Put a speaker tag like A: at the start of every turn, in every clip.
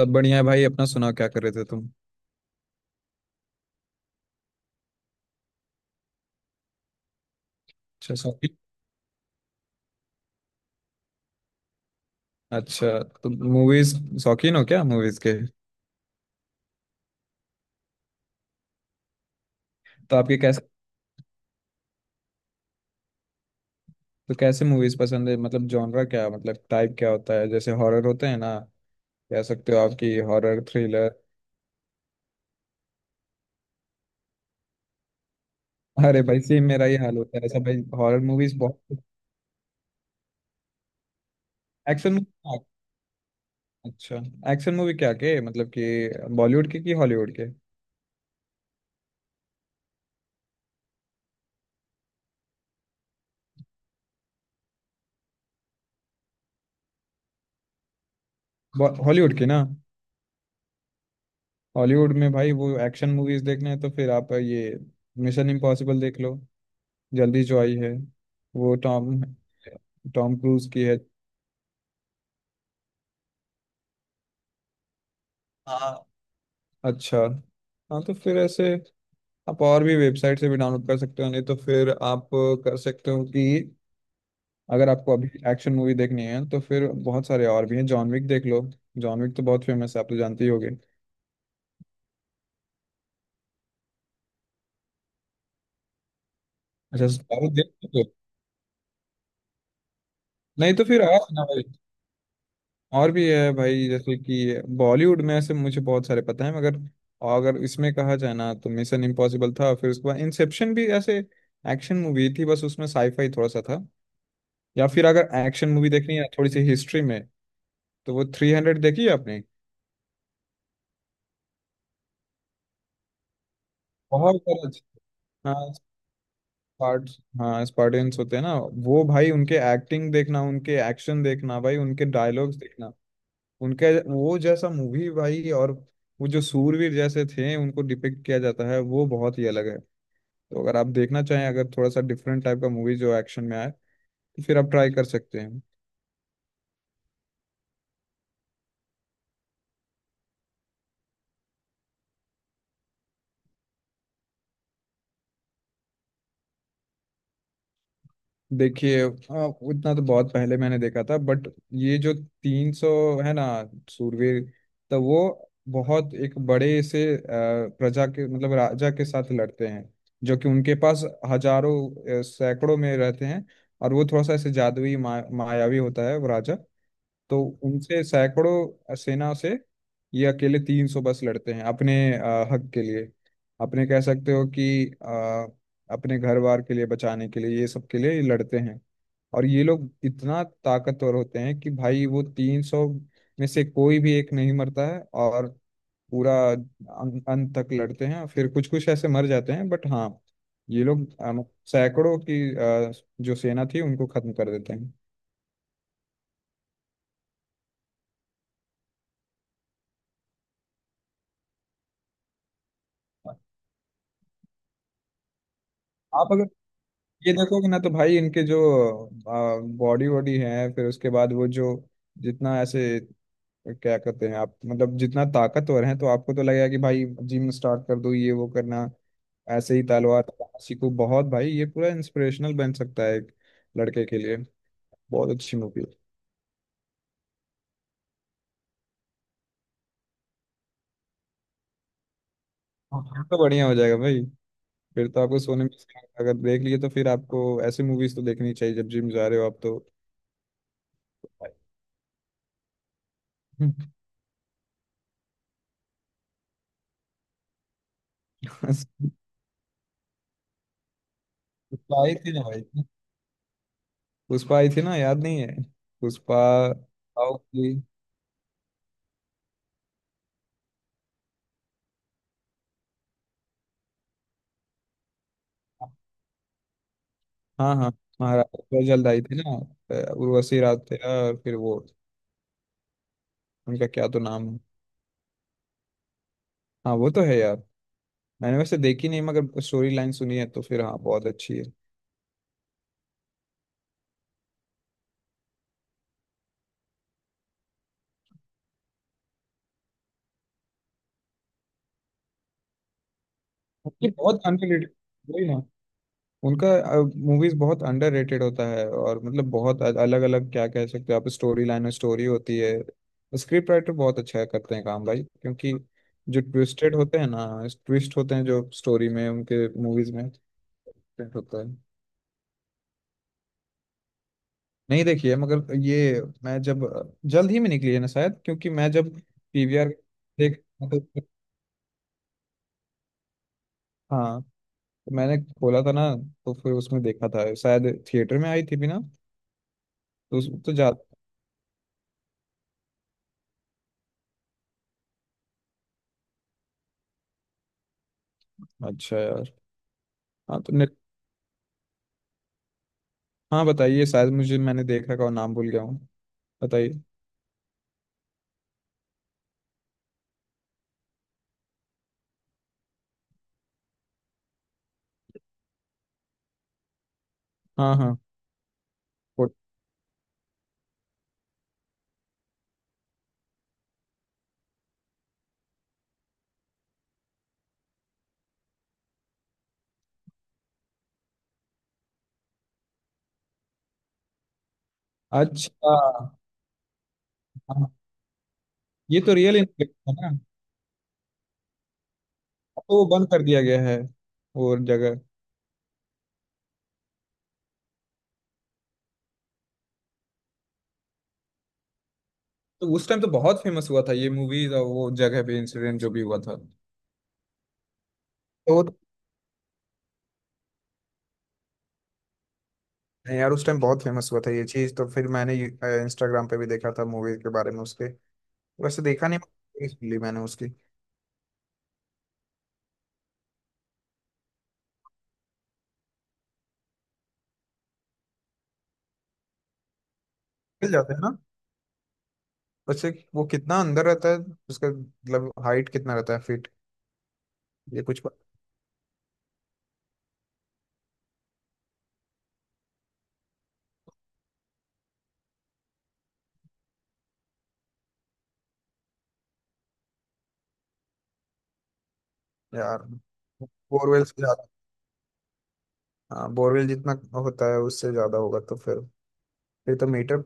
A: सब बढ़िया है भाई। अपना सुनाओ क्या कर रहे थे तुम। अच्छा, शौकीन। अच्छा। तुम मूवीज शौकीन हो क्या मूवीज के? तो आपके कैसे, तो कैसे मूवीज पसंद है मतलब जॉनरा क्या, मतलब टाइप क्या होता है जैसे हॉरर होते हैं ना? कह सकते हो आपकी हॉरर थ्रिलर। अरे भाई सेम मेरा ही हाल होता है ऐसा भाई, हॉरर मूवीज बहुत। एक्शन मूवी, अच्छा। एक्शन मूवी क्या के मतलब कि बॉलीवुड के कि हॉलीवुड के? हॉलीवुड की ना। हॉलीवुड में भाई वो एक्शन मूवीज देखने हैं तो फिर आप ये मिशन इम्पॉसिबल देख लो, जल्दी जो आई है, वो टॉम टॉम क्रूज की है। हाँ। अच्छा। हाँ, तो फिर ऐसे आप और भी वेबसाइट से भी डाउनलोड कर सकते हो, नहीं तो फिर आप कर सकते हो कि अगर आपको अभी एक्शन मूवी देखनी है तो फिर बहुत सारे और भी हैं, जॉन विक देख लो। जॉन विक तो बहुत फेमस है, आप तो जानते ही होगे। अच्छा, साउथ देख लो तो। नहीं तो फिर आओ ना। और भी है भाई, जैसे कि बॉलीवुड में ऐसे मुझे बहुत सारे पता है, मगर अगर इसमें कहा जाए ना तो मिशन इम्पॉसिबल था, फिर उसके बाद इंसेप्शन भी ऐसे एक्शन मूवी थी, बस उसमें साईफाई थोड़ा सा था। या फिर अगर एक्शन मूवी देखनी है थोड़ी सी हिस्ट्री में तो वो 300 देखी है आपने? बहुत सारा हाँ, स्पार्ट। हाँ स्पार्टियंस होते हैं ना, वो भाई उनके एक्टिंग देखना, उनके एक्शन देखना भाई, उनके डायलॉग्स देखना, उनके वो जैसा मूवी भाई। और वो जो सूरवीर जैसे थे उनको डिपिक्ट किया जाता है वो बहुत ही अलग है। तो अगर आप देखना चाहें अगर थोड़ा सा डिफरेंट टाइप का मूवी जो एक्शन में आए तो फिर आप ट्राई कर सकते हैं। देखिए उतना तो बहुत पहले मैंने देखा था बट ये जो 300 है ना सूरवीर, तो वो बहुत एक बड़े से प्रजा के मतलब राजा के साथ लड़ते हैं, जो कि उनके पास हजारों सैकड़ों में रहते हैं, और वो थोड़ा सा ऐसे जादुई मायावी होता है वो राजा। तो उनसे सैकड़ों सेना से ये अकेले 300 बस लड़ते हैं, अपने हक के लिए, अपने कह सकते हो कि अपने घर बार के लिए, बचाने के लिए, ये सब के लिए ये लड़ते हैं। और ये लोग इतना ताकतवर होते हैं कि भाई वो 300 में से कोई भी एक नहीं मरता है। और पूरा अंत तक लड़ते हैं, फिर कुछ कुछ ऐसे मर जाते हैं बट हाँ, ये लोग सैकड़ों की अ, जो सेना थी उनको खत्म कर देते हैं। आप अगर ये देखो कि ना तो भाई इनके जो बॉडी वॉडी है, फिर उसके बाद वो जो जितना ऐसे क्या कहते हैं आप, मतलब जितना ताकतवर हैं तो आपको तो लगेगा कि भाई जिम स्टार्ट कर दो, ये वो करना, ऐसे ही तलवार चलाना सीखो, बहुत भाई ये पूरा इंस्पिरेशनल बन सकता है एक लड़के के लिए। बहुत अच्छी मूवी है। हाँ, फिर तो बढ़िया हो जाएगा भाई। फिर तो आपको सोने में अगर देख लिए तो फिर आपको ऐसी मूवीज तो देखनी चाहिए जब जिम जा रहे हो आप तो। भाई। क्या ही थी ना भाई, पुष्पा आई थी ना याद नहीं है, पुष्पा। आओ की। हाँ हाँ। महाराज पर जल्द आई थी ना, उर्वशी राठिया और फिर वो, उनका क्या तो नाम है। हाँ वो तो है यार, मैंने वैसे देखी नहीं मगर स्टोरी लाइन सुनी है, तो फिर हाँ बहुत अच्छी है। ये बहुत अनरिलेटेड, वही ना उनका। मूवीज बहुत अंडररेटेड होता है और मतलब बहुत अलग अलग क्या कह सकते हो आप, स्टोरी लाइन और स्टोरी होती है। स्क्रिप्ट राइटर बहुत अच्छा करते हैं काम भाई, क्योंकि जो ट्विस्टेड होते हैं ना, ट्विस्ट होते हैं जो स्टोरी में उनके मूवीज में ट्विस्ट होता है। नहीं देखी है मगर ये मैं जब जल्द ही में निकली है ना शायद, क्योंकि मैं जब पीवीआर देख, हाँ तो मैंने खोला था ना तो फिर उसमें देखा था, शायद थिएटर में आई थी भी ना। तो उस तो ज्यादा, अच्छा यार। हाँ तो, हाँ बताइए शायद मुझे, मैंने देख रखा और नाम भूल गया हूँ। बताइए। हाँ हाँ। वो- अच्छा। हाँ, ये तो रियल इन्फ्लेशन है ना। अब तो वो बंद कर दिया गया है वो जगह। तो उस टाइम तो बहुत फेमस हुआ था ये मूवीज और वो जगह पे इंसिडेंट जो भी हुआ था, तो वो तो- यार उस टाइम बहुत फेमस हुआ था ये चीज, तो फिर मैंने इंस्टाग्राम पे भी देखा था मूवी के बारे में उसके, वैसे देखा नहीं movies मिली मैंने उसकी। मिल जाते हैं ना वैसे, वो कितना अंदर रहता है उसका मतलब हाइट कितना रहता है फीट? ये कुछ पता- यार बोरवेल, हाँ बोरवेल जितना होता है उससे ज्यादा होगा तो फिर तो मीटर,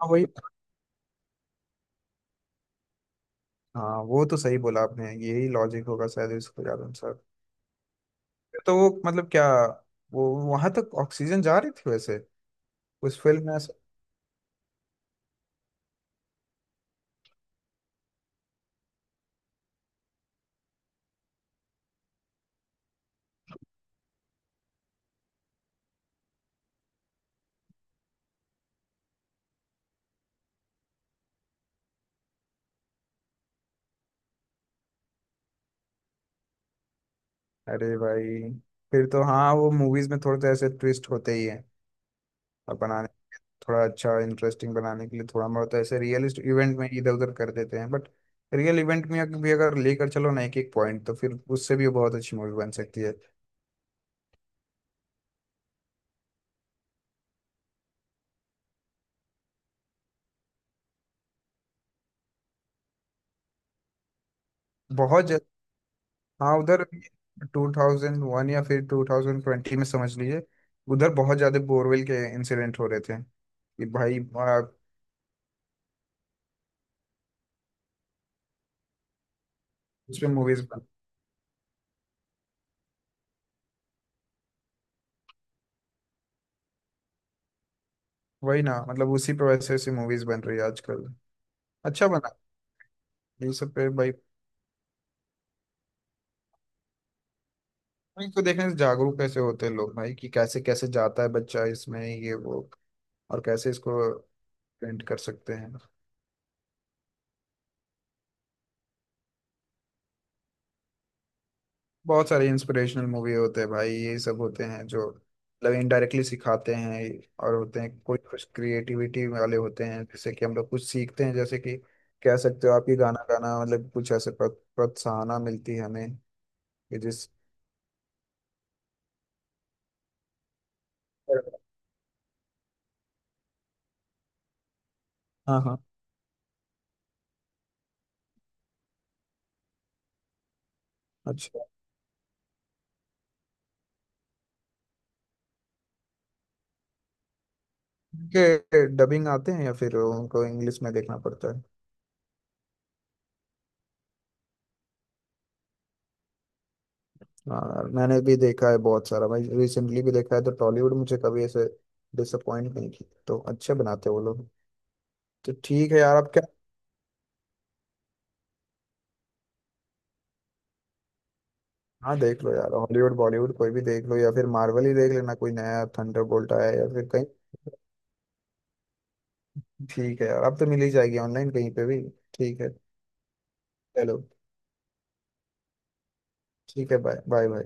A: हाँ वही। हाँ वो तो सही बोला आपने यही लॉजिक होगा शायद इसको ज्यादा अनुसार। फिर तो वो मतलब क्या, वो वहां तक ऑक्सीजन जा रही थी वैसे? उस फिल्म में ऐसा- अरे भाई, फिर तो हाँ वो मूवीज में थोड़े तो ऐसे ट्विस्ट होते ही हैं। और बनाने, थोड़ा अच्छा इंटरेस्टिंग बनाने के लिए थोड़ा बहुत ऐसे रियलिस्ट इवेंट में इधर उधर कर देते हैं बट रियल इवेंट में भी अगर लेकर चलो ना एक एक पॉइंट तो फिर उससे भी बहुत अच्छी मूवी बन सकती है। बहुत, हाँ उधर 2001 या फिर 2020 में समझ लीजिए, उधर बहुत ज्यादा बोरवेल के इंसिडेंट हो रहे थे कि भाई उस पे मूवीज बन, वही ना, मतलब उसी पे वैसे ऐसी मूवीज बन रही है आजकल। अच्छा, बना। ये सब पे भाई, इनको देखने से जागरूक कैसे होते हैं लोग भाई, कि कैसे कैसे जाता है बच्चा, इसमें ये वो और कैसे इसको पेंट कर सकते हैं। बहुत सारे इंस्पिरेशनल मूवी होते हैं भाई, ये सब होते हैं जो मतलब इनडायरेक्टली सिखाते हैं। और होते हैं कोई कुछ क्रिएटिविटी वाले होते हैं, जैसे कि हम लोग कुछ सीखते हैं, जैसे कि कह सकते हो आप ही गाना गाना मतलब कुछ ऐसे प्रोत्साहना मिलती है हमें। कि जिस, हाँ हाँ। अच्छा, के डबिंग आते हैं या फिर उनको इंग्लिश में देखना पड़ता है? हाँ मैंने भी देखा है बहुत सारा भाई, रिसेंटली भी देखा है तो टॉलीवुड मुझे कभी ऐसे डिसअपॉइंट नहीं की, तो अच्छे बनाते हैं वो लोग। तो ठीक है यार, आप क्या। हाँ देख लो यार, हॉलीवुड बॉलीवुड कोई भी देख लो, या फिर मार्वल ही देख लेना, कोई नया थंडरबोल्ट आया है या फिर कहीं। ठीक है यार अब तो मिल ही जाएगी ऑनलाइन कहीं पे भी। ठीक है, चलो। ठीक है बाय बाय बाय।